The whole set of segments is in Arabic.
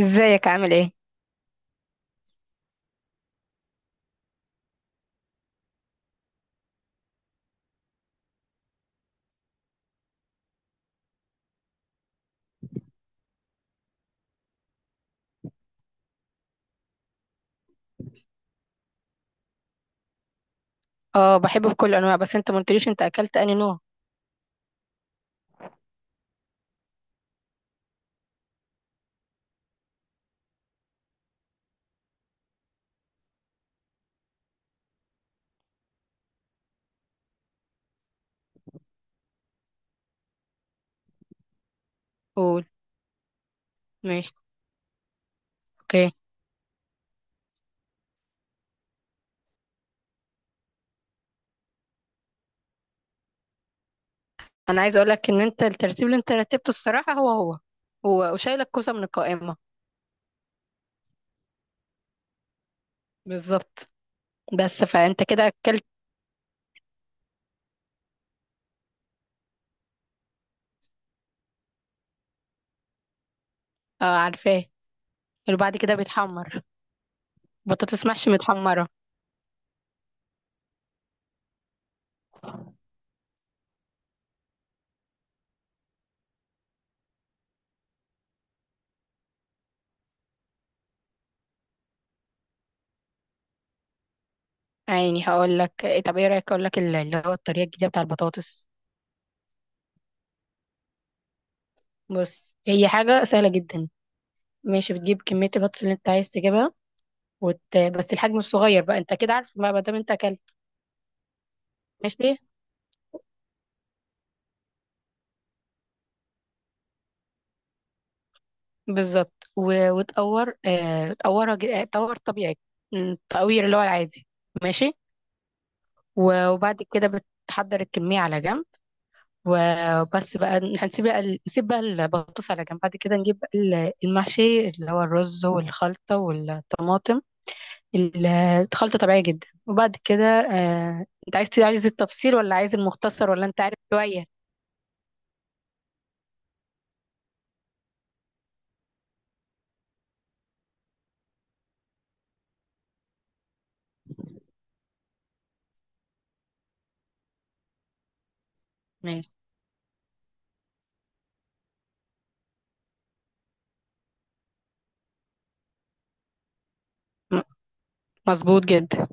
ازيك عامل ايه؟ اه، بحب بكل انواع، بس انت ما قلتليش انت اكلت انهي نوع؟ قول. ماشي. اوكي. انا عايزه اقول لك ان انت الترتيب اللي انت رتبته الصراحه هو هو. هو وشايل الكوسه من القائمه. بالظبط. بس فانت كده اكلت. اه، عارفاه. اللي بعد كده بيتحمر. بطاطس محشي متحمره. عيني هقول لك. طب ايه رايك اقول لك اللي هو الطريقه الجديده بتاع البطاطس. بص، هي حاجة سهلة جدا. ماشي. بتجيب كمية البطاطس اللي انت عايز تجيبها. بس الحجم الصغير بقى، انت كده عارف بقى ما دام انت اكلت. ماشي. بالظبط. وتقور، تقورها، تقور طبيعي. التقوير اللي هو العادي. ماشي. وبعد كده بتحضر الكمية على جنب. وبس بقى، نسيب بقى البطاطس على جنب. بعد كده نجيب بقى المحشي اللي هو الرز والخلطة والطماطم. ال- الخلطة طبيعية جدا. وبعد كده، انت عايز التفصيل، ولا عايز المختصر، ولا انت عارف شوية؟ ماشي. م- مظبوط جدا.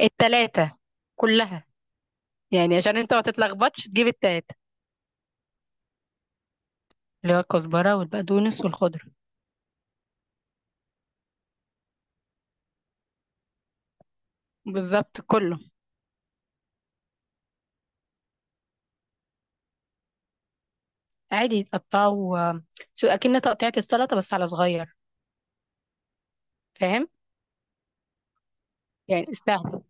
التلاتة كلها. يعني عشان انت ما تتلخبطش تجيب التلاتة. اللي هو الكزبرة والبقدونس والخضرة. بالظبط، كله. عادي تقطعه، شو اكن تقطيعة السلطة، بس على صغير. فاهم. يعني سهل.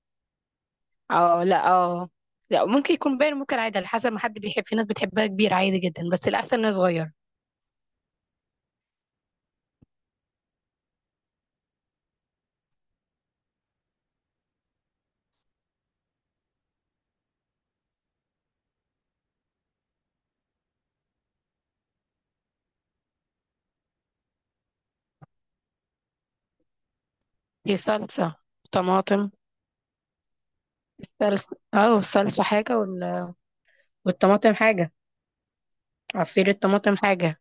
اه، لا، اه. لا، ممكن يكون باين، ممكن عادي على حسب ما حد بيحب. في ناس بتحبها كبير، عادي جدا، بس الأحسن انه صغير. في صلصة طماطم. الصلصة حاجة، والطماطم حاجة. عصير الطماطم حاجة.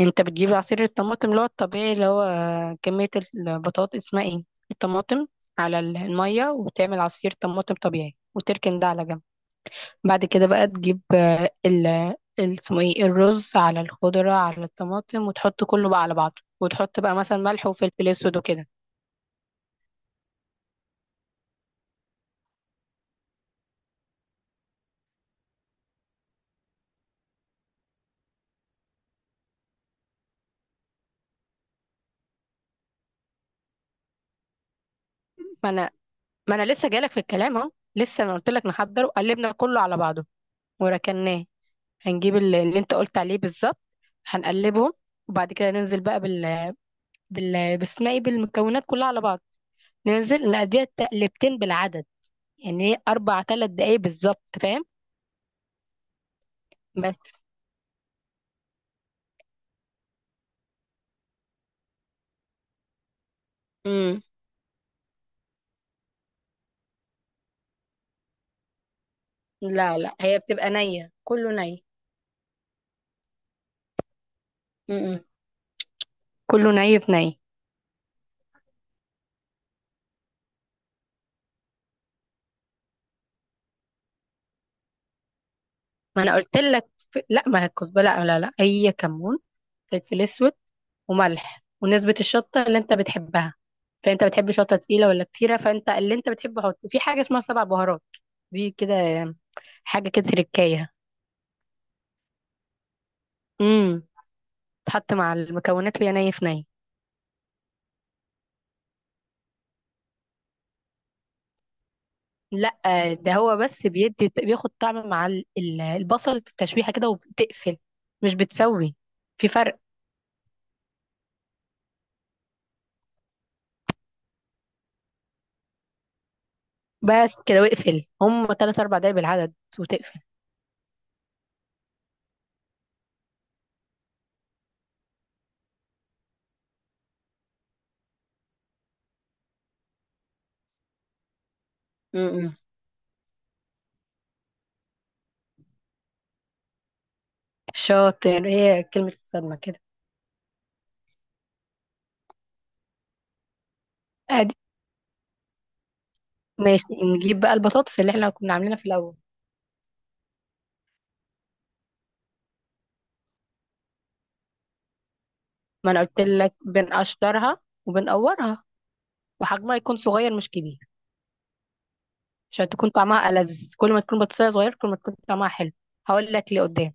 انت بتجيب عصير الطماطم اللي هو الطبيعي، اللي هو كمية البطاطس، اسمها ايه، الطماطم على المية، وتعمل عصير طماطم طبيعي وتركن ده على جنب. بعد كده بقى تجيب، اسمه ايه، الرز على الخضرة على الطماطم، وتحط كله بقى على بعضه، وتحط بقى مثلا ملح وفلفل اسود وكده. ما انا ما انا لسه جالك في الكلام اهو، لسه ما قلت لك. نحضره، قلبنا كله على بعضه وركناه. هنجيب اللي انت قلت عليه بالظبط، هنقلبهم. وبعد كده ننزل بقى بال، باسمها ايه، بالمكونات كلها على بعض. ننزل نقضيها تقلبتين بالعدد. يعني ايه 4 3 دقايق بالظبط، فاهم؟ بس. امم. لا لا، هي بتبقى نية، كله ني. امم. كله ني في ني. ما انا قلت لك، لا، ما هي الكزبره، لا لا لا، هي كمون، فلفل اسود، وملح، ونسبة الشطة اللي انت بتحبها. فانت بتحب شطة تقيلة ولا كتيرة؟ فانت اللي انت بتحبه حط. في حاجة اسمها سبع بهارات، دي كده حاجة كده تركاية. امم. تحط مع المكونات وهي ني في ني. لا، ده هو بس بيدي، بياخد طعم مع البصل بالتشويحة كده وبتقفل. مش بتسوي، في فرق. بس كده واقفل هم 3 4 دقايق بالعدد وتقفل. امم. شاطر، هي كلمة الصدمة كده. ادي. ماشي، نجيب بقى البطاطس اللي احنا كنا عاملينها في الأول. ما أنا قلت لك بنقشرها وبنقورها، وحجمها يكون صغير مش كبير. عشان تكون طعمها ألذ، كل ما تكون بطيخة صغير كل ما تكون طعمها حلو. هقول لك لقدام.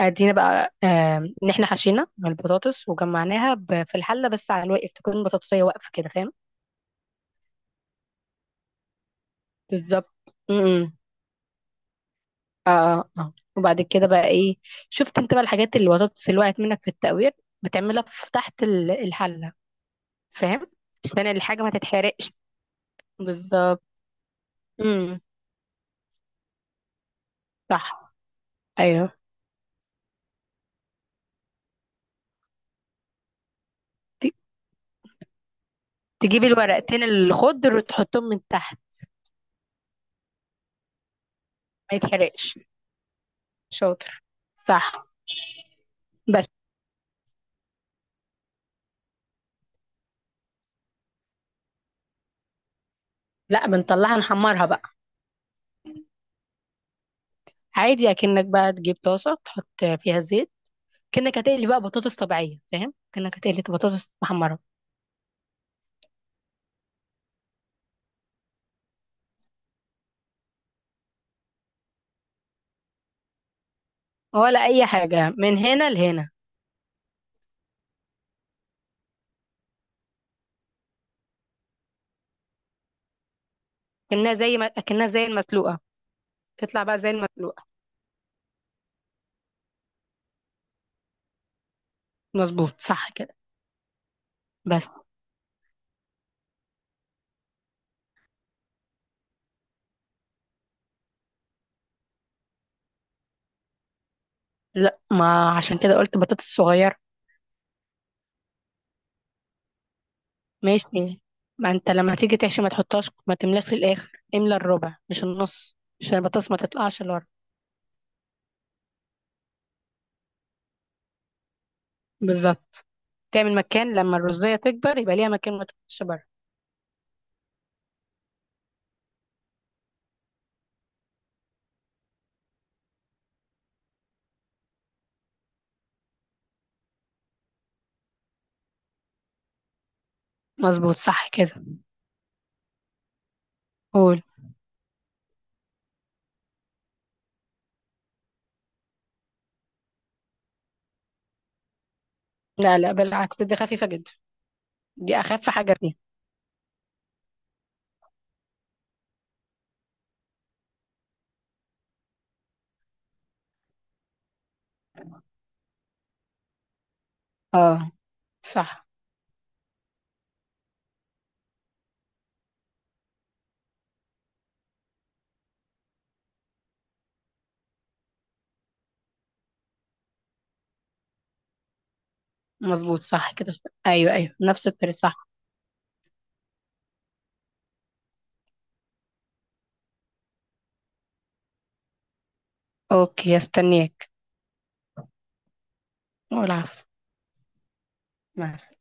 ادينا بقى، ان احنا حشينا من البطاطس وجمعناها في الحله، بس على الواقف تكون بطاطسيه واقفه كده، فاهم؟ بالظبط. امم. اه، اه، آه. وبعد كده بقى ايه؟ شفت انت بقى الحاجات، اللي البطاطس اللي وقعت منك في التقوير، بتعملها في تحت الحله. فاهم. عشان الحاجه ما تتحرقش. بالظبط. امم. صح. ايوه. ت- تجيب الورقتين الخضر وتحطهم من تحت. ما يتحرقش. شاطر. صح. بس. لا، بنطلعها نحمرها بقى. عادي، اكنك بقى تجيب طاسه تحط فيها زيت، كأنك هتقلي بقى بطاطس طبيعيه، فاهم، كأنك هتقلي بطاطس محمره. ولا اي حاجه من هنا لهنا. كأنها زي ما كأنها زي المسلوقه. تطلع بقى زي المسلوقه. مظبوط صح كده. بس. لا، ما عشان كده قلت بطاطس صغيره. ماشي. ما انت لما تيجي تحشي، ما تحطهاش، ما تملاش للاخر، املى الربع مش النص، عشان البطاطس ما تطلعش لورا. بالظبط. تعمل مكان لما الرزية تكبر، يبقى ليها مكان، ما تكونش بره. مظبوط صح كده. قول. لا لا، بالعكس، دي خفيفة جدا. دي أخف حاجة فيها. اه، صح. مظبوط صح كده. أيوه أيوه، نفس الطريقة صح. أوكي، استنيك. والعفو. مع السلامة.